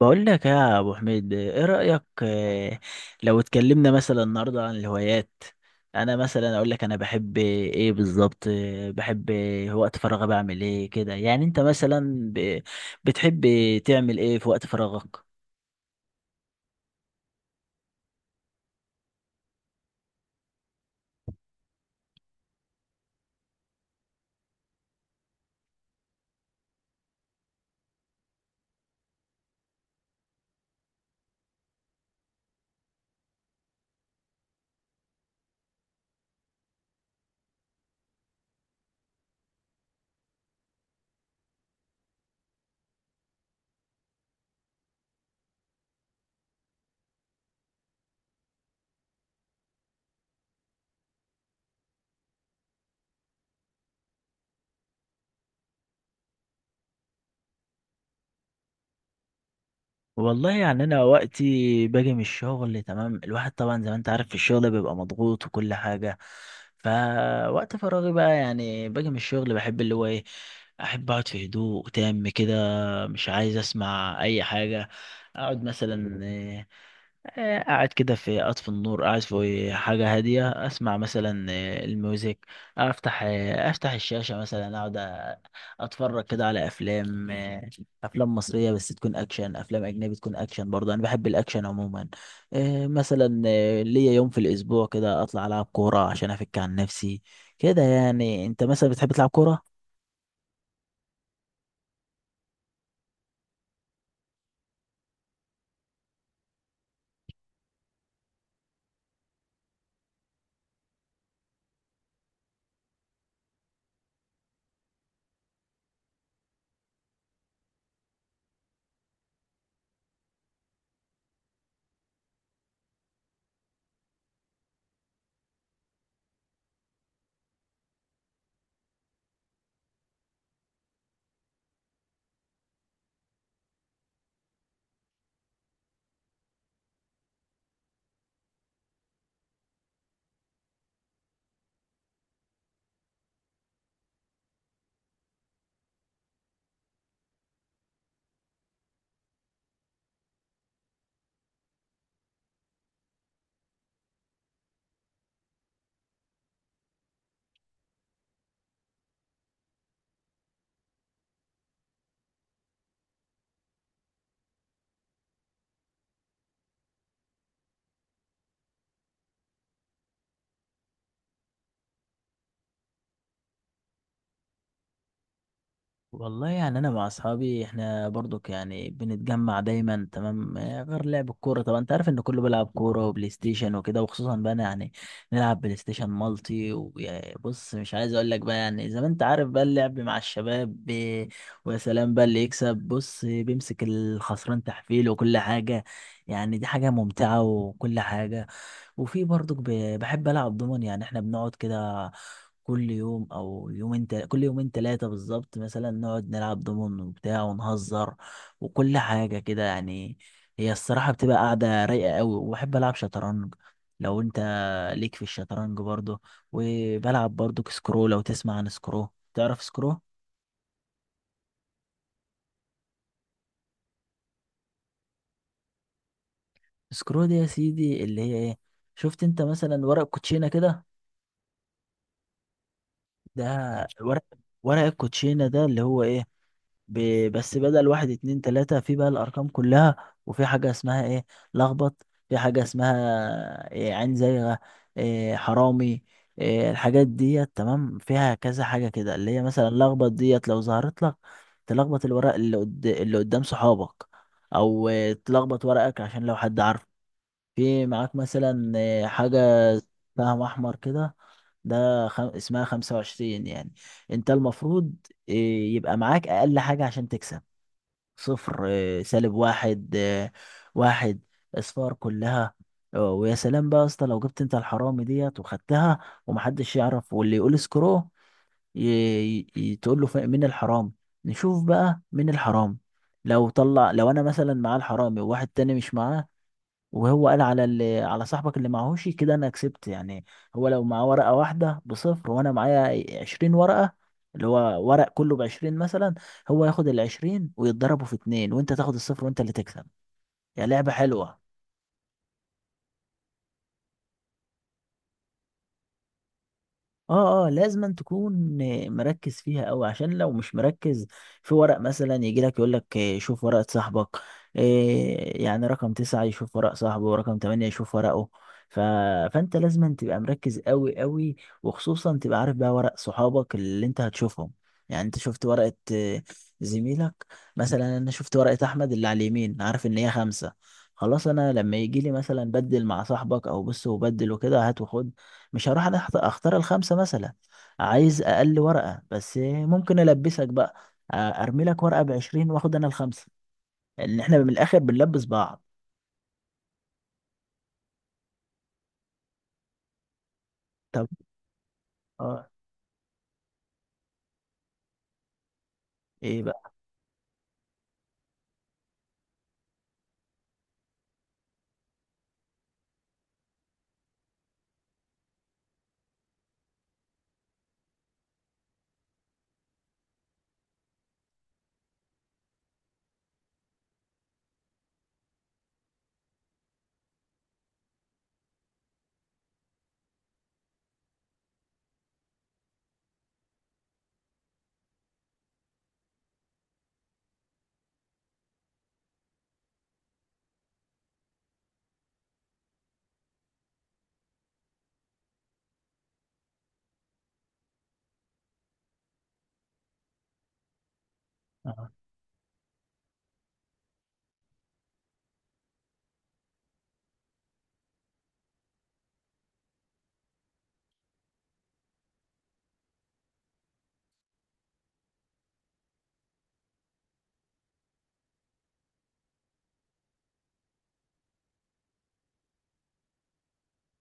بقول لك يا ابو حميد، ايه رايك؟ لو اتكلمنا مثلا النهارده عن الهوايات. انا مثلا اقول لك انا بحب ايه بالظبط؟ بحب وقت فراغي بعمل ايه كده. يعني انت مثلا بتحب تعمل ايه في وقت فراغك؟ والله يعني انا وقتي باجي من الشغل، تمام. الواحد طبعا زي ما انت عارف في الشغل بيبقى مضغوط وكل حاجه. فوقت فراغي بقى يعني، باجي من الشغل بحب اللي هو ايه، احب اقعد في هدوء تام كده. مش عايز اسمع اي حاجه. اقعد مثلا، قاعد كده، في أطفي النور، قاعد في حاجة هادية أسمع مثلا الميوزك. أفتح الشاشة مثلا، أقعد أتفرج كده على أفلام، أفلام مصرية بس تكون أكشن، أفلام أجنبي تكون أكشن برضه، أنا بحب الأكشن عموما. مثلا ليا يوم في الأسبوع كده أطلع ألعب كورة عشان أفك عن نفسي كده. يعني أنت مثلا بتحب تلعب كورة؟ والله يعني انا مع اصحابي احنا برضك يعني بنتجمع دايما، تمام. غير لعب الكوره طبعا، انت عارف ان كله بيلعب كوره وبلاي ستيشن وكده. وخصوصا بقى أنا يعني نلعب بلاي ستيشن مالتي. وبص مش عايز اقول لك بقى، يعني زي ما انت عارف بقى اللعب مع الشباب ويا سلام بقى اللي يكسب بص بيمسك الخسران تحفيل وكل حاجه. يعني دي حاجه ممتعه وكل حاجه. وفي برضك بحب العب دومن، يعني احنا بنقعد كده كل يوم او يومين، كل يومين ثلاثة بالظبط مثلا نقعد نلعب دومن وبتاع ونهزر وكل حاجة كده يعني. هي الصراحة بتبقى قاعدة رايقة قوي. وبحب العب شطرنج، لو انت ليك في الشطرنج برضه. وبلعب برضه سكرو، لو تسمع عن سكرو. تعرف سكرو؟ سكرو دي يا سيدي اللي هي ايه، شفت انت مثلا ورق كوتشينة كده؟ ده ورق، ورق الكوتشينة ده اللي هو ايه، بس بدل واحد اتنين تلاتة في بقى الأرقام كلها. وفي حاجة اسمها ايه، لخبط. في حاجة اسمها إيه، عين زيغة. إيه، حرامي. إيه الحاجات ديت. تمام، فيها كذا حاجة كده، اللي هي مثلا لخبط، ديت لو ظهرت لك تلخبط الورق اللي اللي قدام صحابك. أو إيه، تلخبط ورقك عشان لو حد عارفه. في معاك مثلا حاجة سهم أحمر كده، ده اسمها 25 يعني. أنت المفروض آه، يبقى معاك أقل حاجة عشان تكسب: صفر، سالب واحد، واحد، أصفار كلها. ويا سلام بقى يا اسطى لو جبت أنت الحرامي ديت وخدتها ومحدش يعرف واللي يقول سكرو ي... تقول له مين الحرام. نشوف بقى مين الحرام. لو طلع، لو أنا مثلا معاه الحرامي وواحد تاني مش معاه، وهو قال على اللي، على صاحبك اللي معهوش كده، انا كسبت يعني. هو لو معاه ورقة واحدة بصفر وانا معايا 20 ورقة، اللي هو ورق كله ب20 مثلا، هو ياخد الـ20 ويتضربوا في اتنين، وانت تاخد الصفر وانت اللي تكسب. يعني لعبة حلوة. اه، اه، لازم أن تكون مركز فيها قوي. عشان لو مش مركز، في ورق مثلا يجي لك يقول لك شوف ورقة صاحبك. إيه، يعني رقم تسعة يشوف ورق صاحبه، ورقم تمانية يشوف ورقه. ف... فانت لازم أن تبقى مركز قوي قوي. وخصوصا تبقى عارف بقى ورق صحابك اللي انت هتشوفهم. يعني انت شفت ورقة زميلك، مثلا انا شفت ورقة احمد اللي على اليمين، عارف ان هي خمسة. خلاص انا لما يجي لي مثلا بدل مع صاحبك او بص، وبدل وكده هات وخد، مش هروح انا اختار الخمسه مثلا. عايز اقل ورقه، بس ممكن البسك بقى. آه، ارمي لك ورقه ب 20 واخد انا الخمسه. ان احنا من الاخر بنلبس بعض. طب، اه، ايه بقى؟ آه.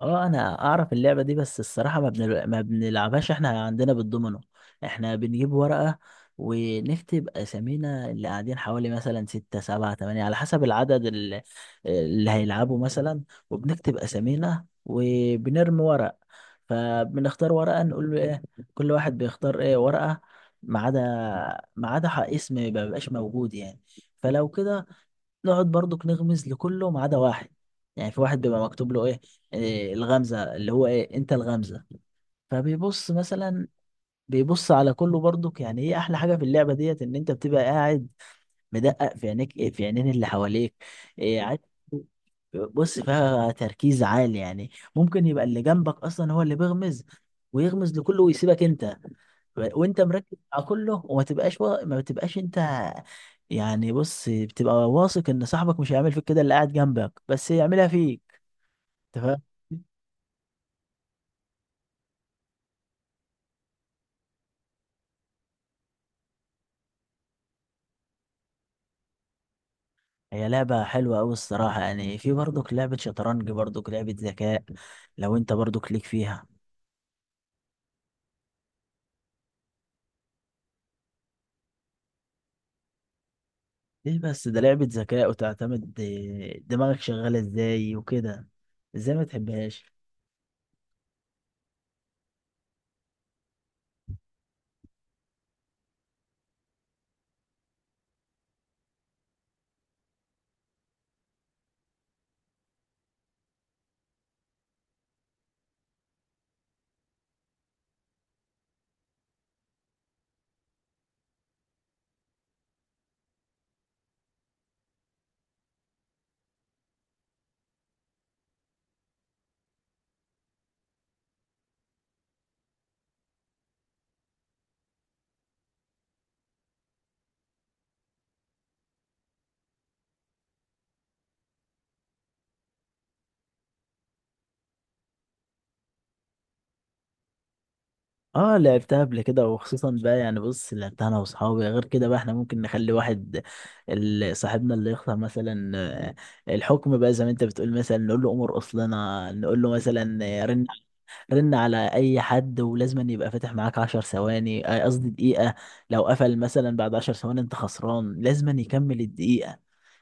اه انا اعرف اللعبه دي بس الصراحه ما بنلعبهاش. احنا عندنا بالدومينو، احنا بنجيب ورقه ونكتب اسامينا اللي قاعدين حوالي مثلا ستة سبعة تمانية على حسب العدد اللي، اللي هيلعبوا مثلا. وبنكتب اسامينا وبنرمي ورق، فبنختار ورقه نقول له ايه، كل واحد بيختار ايه ورقه، ما عدا اسم ما بيبقاش موجود يعني. فلو كده نقعد برضك نغمز لكله ما عدا واحد. يعني في واحد بيبقى مكتوب له ايه، إيه، الغمزة، اللي هو ايه، انت الغمزة. فبيبص مثلا، بيبص على كله برضك. يعني ايه احلى حاجة في اللعبة ديت، ان انت بتبقى قاعد مدقق في عينيك، في عينين اللي حواليك. إيه، عايز، بص فيها تركيز عالي يعني. ممكن يبقى اللي جنبك اصلا هو اللي بيغمز، ويغمز لكله ويسيبك انت، وانت مركز على كله، وما تبقاش ما بتبقاش انت. يعني بص، بتبقى واثق ان صاحبك مش هيعمل فيك كده، اللي قاعد جنبك بس يعملها فيك. انت فاهم؟ هي لعبة حلوة أوي الصراحة يعني. في برضك لعبة شطرنج، برضك لعبة ذكاء، لو أنت برضك ليك فيها. ليه بس؟ ده لعبة ذكاء، وتعتمد دماغك شغالة ازاي وكده، ازاي ما تحبهاش؟ اه لعبتها قبل كده. وخصوصا بقى يعني بص لعبتها انا واصحابي غير كده بقى، احنا ممكن نخلي واحد صاحبنا اللي يختار مثلا الحكم بقى زي ما انت بتقول. مثلا نقول له امر، اصلنا نقول له مثلا رن. رن على اي حد، ولازم أن يبقى فاتح معاك 10 ثواني، قصدي دقيقة. لو قفل مثلا بعد 10 ثواني، انت خسران. لازم أن يكمل الدقيقة.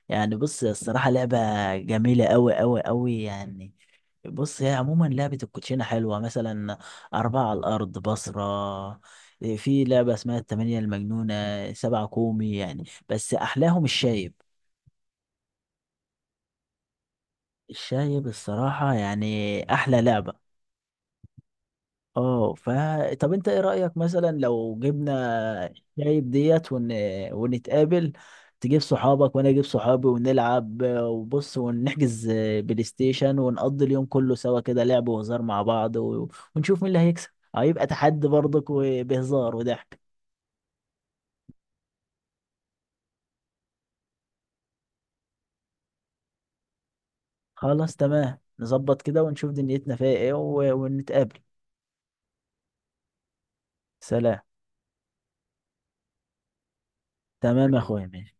يعني بص الصراحة لعبة جميلة أوي أوي أوي يعني. بص هي عموما لعبة الكوتشينة حلوة. مثلا أربعة على الأرض بصرة، في لعبة اسمها التمانية المجنونة، سبعة كومي يعني، بس أحلاهم الشايب. الشايب الصراحة يعني أحلى لعبة. اه، ف، طب انت ايه رأيك مثلا لو جبنا شايب ديت ونتقابل؟ تجيب صحابك وانا اجيب صحابي ونلعب وبص، ونحجز بلاي ستيشن، ونقضي اليوم كله سوا كده لعب وهزار مع بعض ونشوف مين اللي هيكسب. هيبقى تحدي برضك وبهزار وضحك. خلاص تمام، نظبط كده ونشوف دنيتنا فيها ايه ونتقابل. سلام. تمام يا اخويا، ماشي.